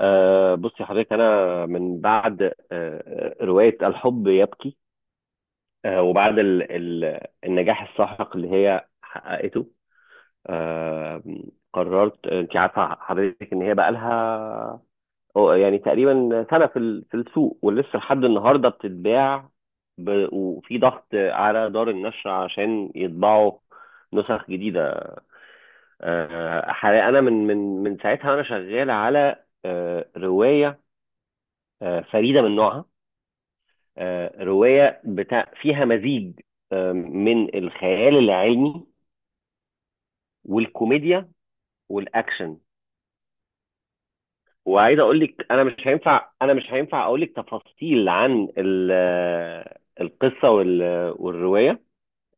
بصي حضرتك انا من بعد روايه الحب يبكي. وبعد ال ال النجاح الساحق اللي هي حققته، آه قررت، انت عارفه حضرتك، ان هي بقى لها يعني تقريبا سنه في السوق ولسه لحد النهارده بتتباع، وفي ضغط على دار النشر عشان يطبعوا نسخ جديده. حقيقة انا من ساعتها وانا شغال على روايه فريده من نوعها، رواية بتاع فيها مزيج من الخيال العلمي والكوميديا والاكشن. وعايز اقول لك، انا مش هينفع اقول لك تفاصيل عن القصة والرواية،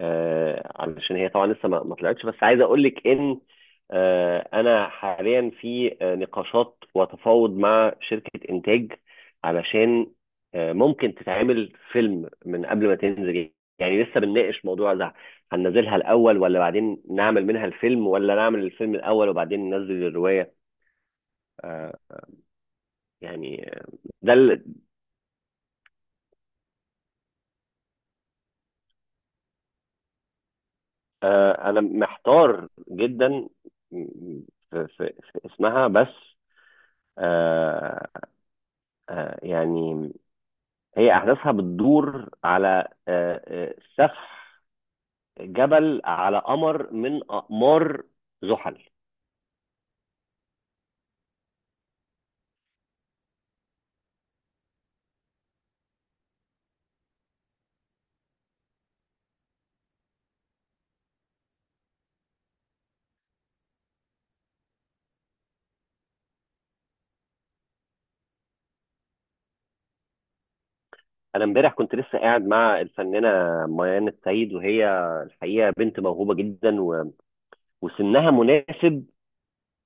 علشان هي طبعا لسه ما طلعتش، بس عايز اقول لك ان انا حاليا في نقاشات وتفاوض مع شركة انتاج، علشان ممكن تتعمل فيلم من قبل ما تنزل. يعني لسه بنناقش موضوع ده: هننزلها الاول ولا بعدين نعمل منها الفيلم، ولا نعمل الفيلم الاول وبعدين ننزل الرواية. آه، يعني، آه، ده ال- آه، انا محتار جدا في في اسمها بس. آه، يعني، هي أحداثها بتدور على سفح جبل على قمر من أقمار زحل. أنا امبارح كنت لسه قاعد مع الفنانة ميان السيد، وهي الحقيقة بنت موهوبة جدا وسنها مناسب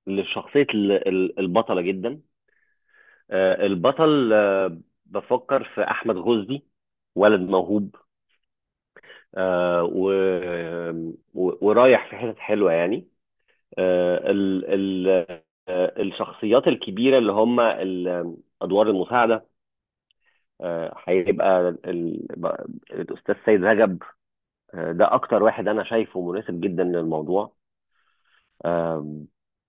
لشخصية البطلة جدا. البطل، بفكر في أحمد غزدي، ولد موهوب. آه، و- ورايح في حتت حلوة يعني. آه، ال ال آه، الشخصيات الكبيرة اللي هم أدوار المساعدة، هيبقى الأستاذ سيد رجب. ده أكتر واحد أنا شايفه مناسب جدا للموضوع.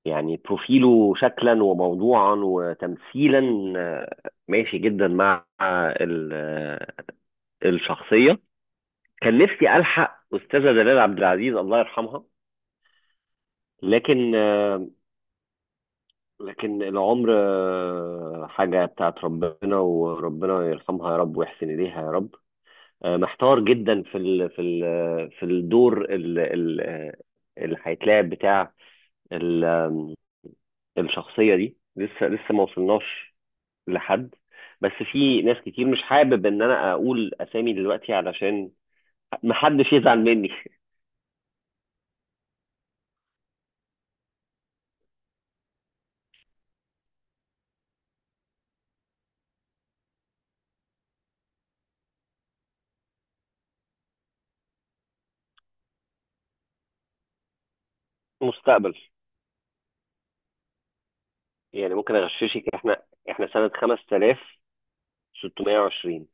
يعني بروفيله شكلا وموضوعا وتمثيلا، ماشي جدا مع ال- آه، الشخصية. كان نفسي ألحق أستاذة دلال عبد العزيز، الله يرحمها. لكن العمر حاجة بتاعت ربنا، وربنا يرحمها يا رب، ويحسن إليها يا رب. محتار جدا في الدور اللي هيتلعب بتاع ال- آم، الشخصية دي. لسه ما وصلناش لحد، بس في ناس كتير مش حابب ان انا اقول اسامي دلوقتي علشان محدش يزعل مني. مستقبل. يعني ممكن اغششك، احنا سنة 5620.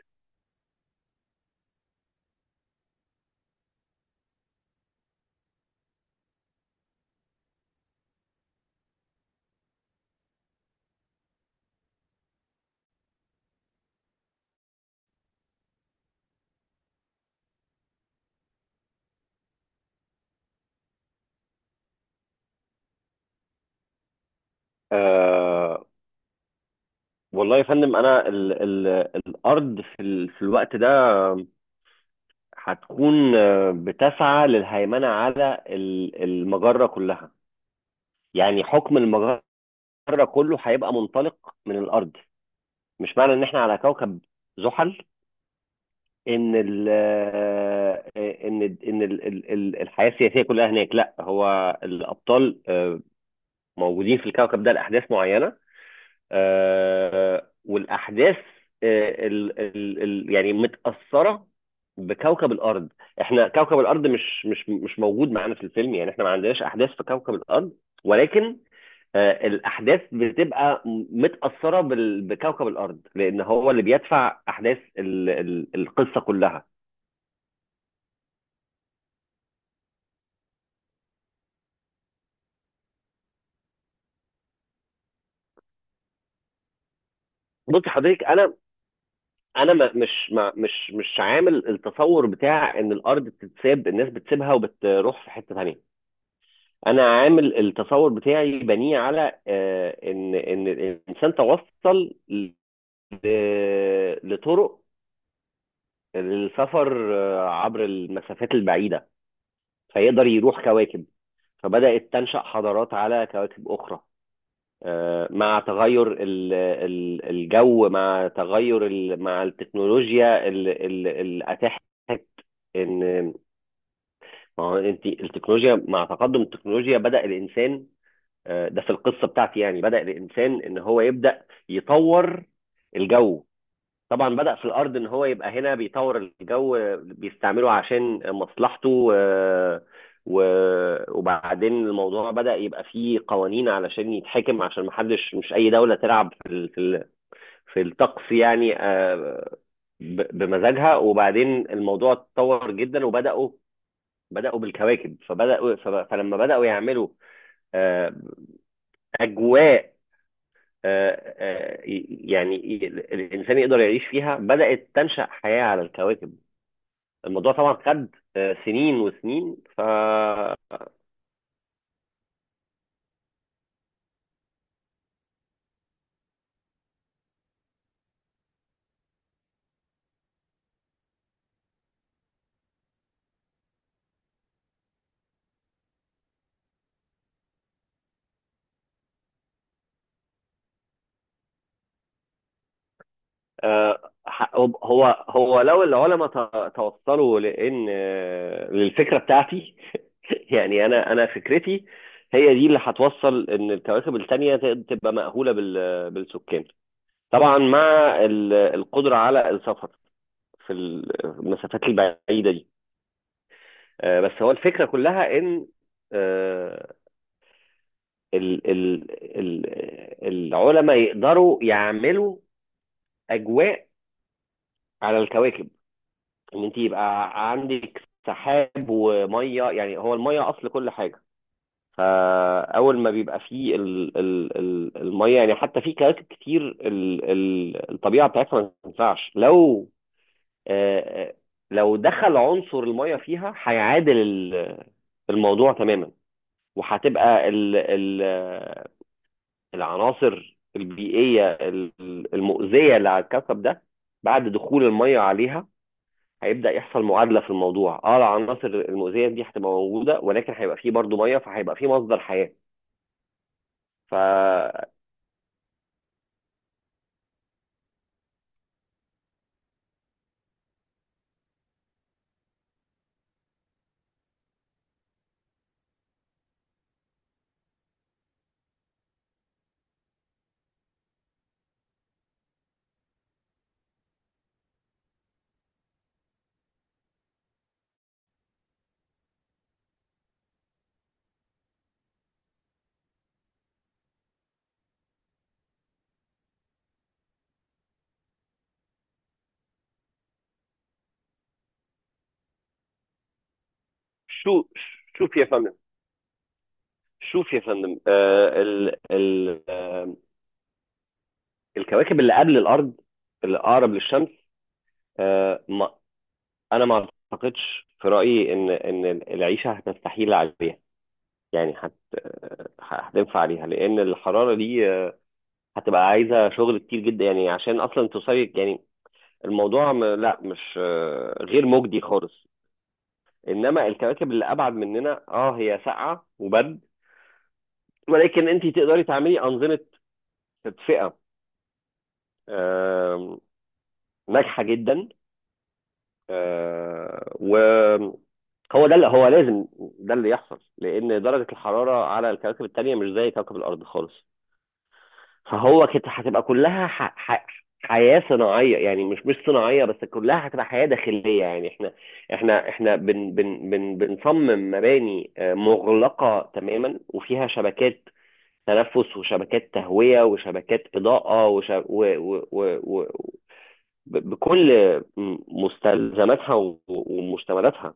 والله يا فندم، انا ال ال الارض في الوقت ده هتكون بتسعى للهيمنه على المجره كلها. يعني حكم المجره كله هيبقى منطلق من الارض. مش معنى ان احنا على كوكب زحل ان ال آه، ان ان ال ال ال- الحياه السياسيه كلها هناك. لا، هو الابطال موجودين في الكوكب ده لاحداث معينه، والاحداث آه، ال ال ال يعني متاثره بكوكب الارض. احنا كوكب الارض مش موجود معانا في الفيلم، يعني احنا ما عندناش احداث في كوكب الارض، ولكن الاحداث بتبقى متاثره بكوكب الارض، لان هو اللي بيدفع احداث القصه كلها. بص حضرتك، انا مش عامل التصور بتاع ان الارض بتتساب، الناس بتسيبها وبتروح في حته ثانيه. انا عامل التصور بتاعي بنيه على ان الانسان توصل لطرق للسفر عبر المسافات البعيده، فيقدر يروح كواكب. فبدات تنشا حضارات على كواكب اخرى مع تغير الجو، مع مع التكنولوجيا اللي اتاحت ان. ما هو انت، التكنولوجيا، مع تقدم التكنولوجيا بدا الانسان، ده في القصه بتاعتي. يعني بدأ الانسان ان هو يبدأ يطور الجو. طبعا بدأ في الارض ان هو يبقى هنا بيطور الجو، بيستعمله عشان مصلحته، وبعدين الموضوع بدأ يبقى فيه قوانين علشان يتحكم، عشان محدش، مش اي دولة تلعب في الطقس يعني بمزاجها. وبعدين الموضوع اتطور جدا، بدأوا بالكواكب. فلما بدأوا يعملوا آه، اجواء آه، آه، يعني الانسان يقدر يعيش فيها، بدات تنشا حياه على الكواكب. الموضوع طبعا خد سنين وسنين. هو لو العلماء توصلوا لان للفكره بتاعتي يعني، انا فكرتي هي دي اللي هتوصل ان الكواكب التانيه تبقى مأهوله بالسكان، طبعا مع القدره على السفر في المسافات البعيده دي. بس هو الفكرة كلها إن آه، ال ال ال العلماء يقدروا يعملوا أجواء على الكواكب. إن أنت يبقى عندك سحاب ومية، يعني هو المية أصل كل حاجة. فأول ما بيبقى فيه ال ال ال المية، يعني حتى في كواكب كتير ال ال الطبيعة بتاعتها ما تنفعش. لو آه، آه، لو دخل عنصر المية فيها، هيعادل الموضوع تماما. وهتبقى ال ال العناصر البيئية المؤذية اللي على الكوكب ده، بعد دخول المية عليها، هيبدأ يحصل معادلة في الموضوع. اه العناصر المؤذية دي هتبقى موجودة، ولكن هيبقى فيه برضو مية، فهيبقى فيه مصدر حياة. فشو. شوف يا فندم شوف يا فندم، آه ال ال آه، الكواكب اللي قبل الأرض، اللي أقرب للشمس، آه ما أنا ما أعتقدش في رأيي إن العيشة هتستحيل عليها، يعني هتنفع عليها. لان الحراره دي هتبقى عايزه شغل كتير جدا يعني، عشان اصلا توصلي يعني، الموضوع لا، مش غير مجدي خالص. انما الكواكب اللي ابعد مننا، هي ساقعه وبرد، ولكن انت تقدري تعملي انظمه تدفئه آم، ناجحه جدا. آه، و هو ده اللي هو لازم، ده اللي يحصل، لان درجه الحراره على الكواكب التانيه مش زي كوكب الارض خالص. فهو كده هتبقى كلها حياة صناعية، يعني مش صناعية بس، كلها هتبقى حياة داخلية يعني. احنا احنا بن بن بن بنصمم مباني مغلقة تماما، وفيها شبكات تنفس، وشبكات تهوية، وشبكات إضاءة، وش... و... و... و... و... ب- بكل مستلزماتها ومشتملاتها.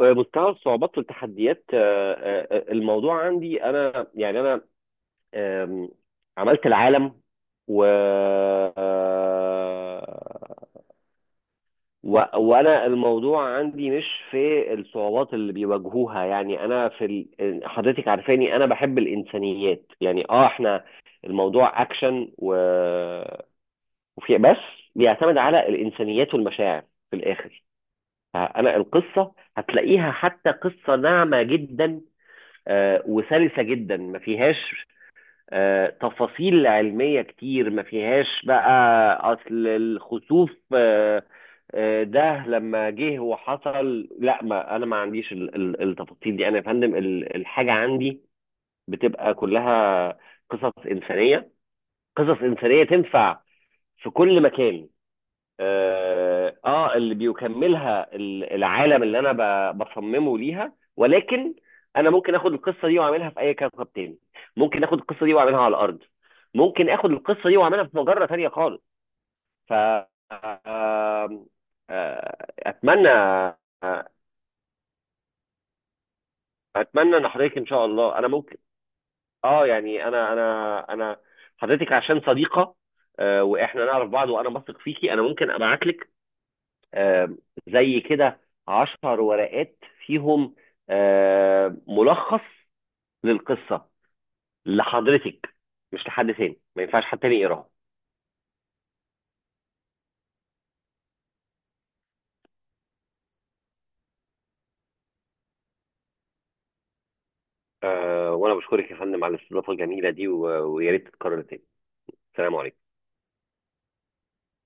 مستوى الصعوبات والتحديات، الموضوع عندي انا، يعني، انا آم، عملت العالم و... وانا الموضوع عندي مش في الصعوبات اللي بيواجهوها. يعني انا حضرتك عارفاني انا بحب الانسانيات يعني. اه احنا الموضوع اكشن وفي بس بيعتمد على الانسانيات والمشاعر في الاخر. انا القصه هتلاقيها حتى قصه ناعمه جدا، وسلسه جدا، ما فيهاش تفاصيل علمية كتير. ما فيهاش بقى أصل الخسوف ده لما جه وحصل، لا، ما أنا ما عنديش التفاصيل دي. أنا يا فندم، الحاجة عندي بتبقى كلها قصص إنسانية، قصص إنسانية تنفع في كل مكان. اللي بيكملها العالم اللي انا بصممه ليها، ولكن انا ممكن اخد القصه دي واعملها في اي كوكب تاني، ممكن اخد القصه دي واعملها على الارض، ممكن اخد القصه دي واعملها في مجره تانيه خالص. ف آه، آه، اتمنى. اتمنى ان حضرتك ان شاء الله، انا ممكن، اه يعني انا حضرتك عشان صديقه واحنا نعرف بعض، وانا بثق فيكي، انا ممكن ابعت لك آه، زي كده 10 ورقات فيهم ملخص للقصة، لحضرتك، مش لحد تاني. ما ينفعش حد تاني يقراها. وانا بشكرك يا فندم على الاستضافة الجميلة دي، ويا ريت تتكرر تاني. سلام عليكم.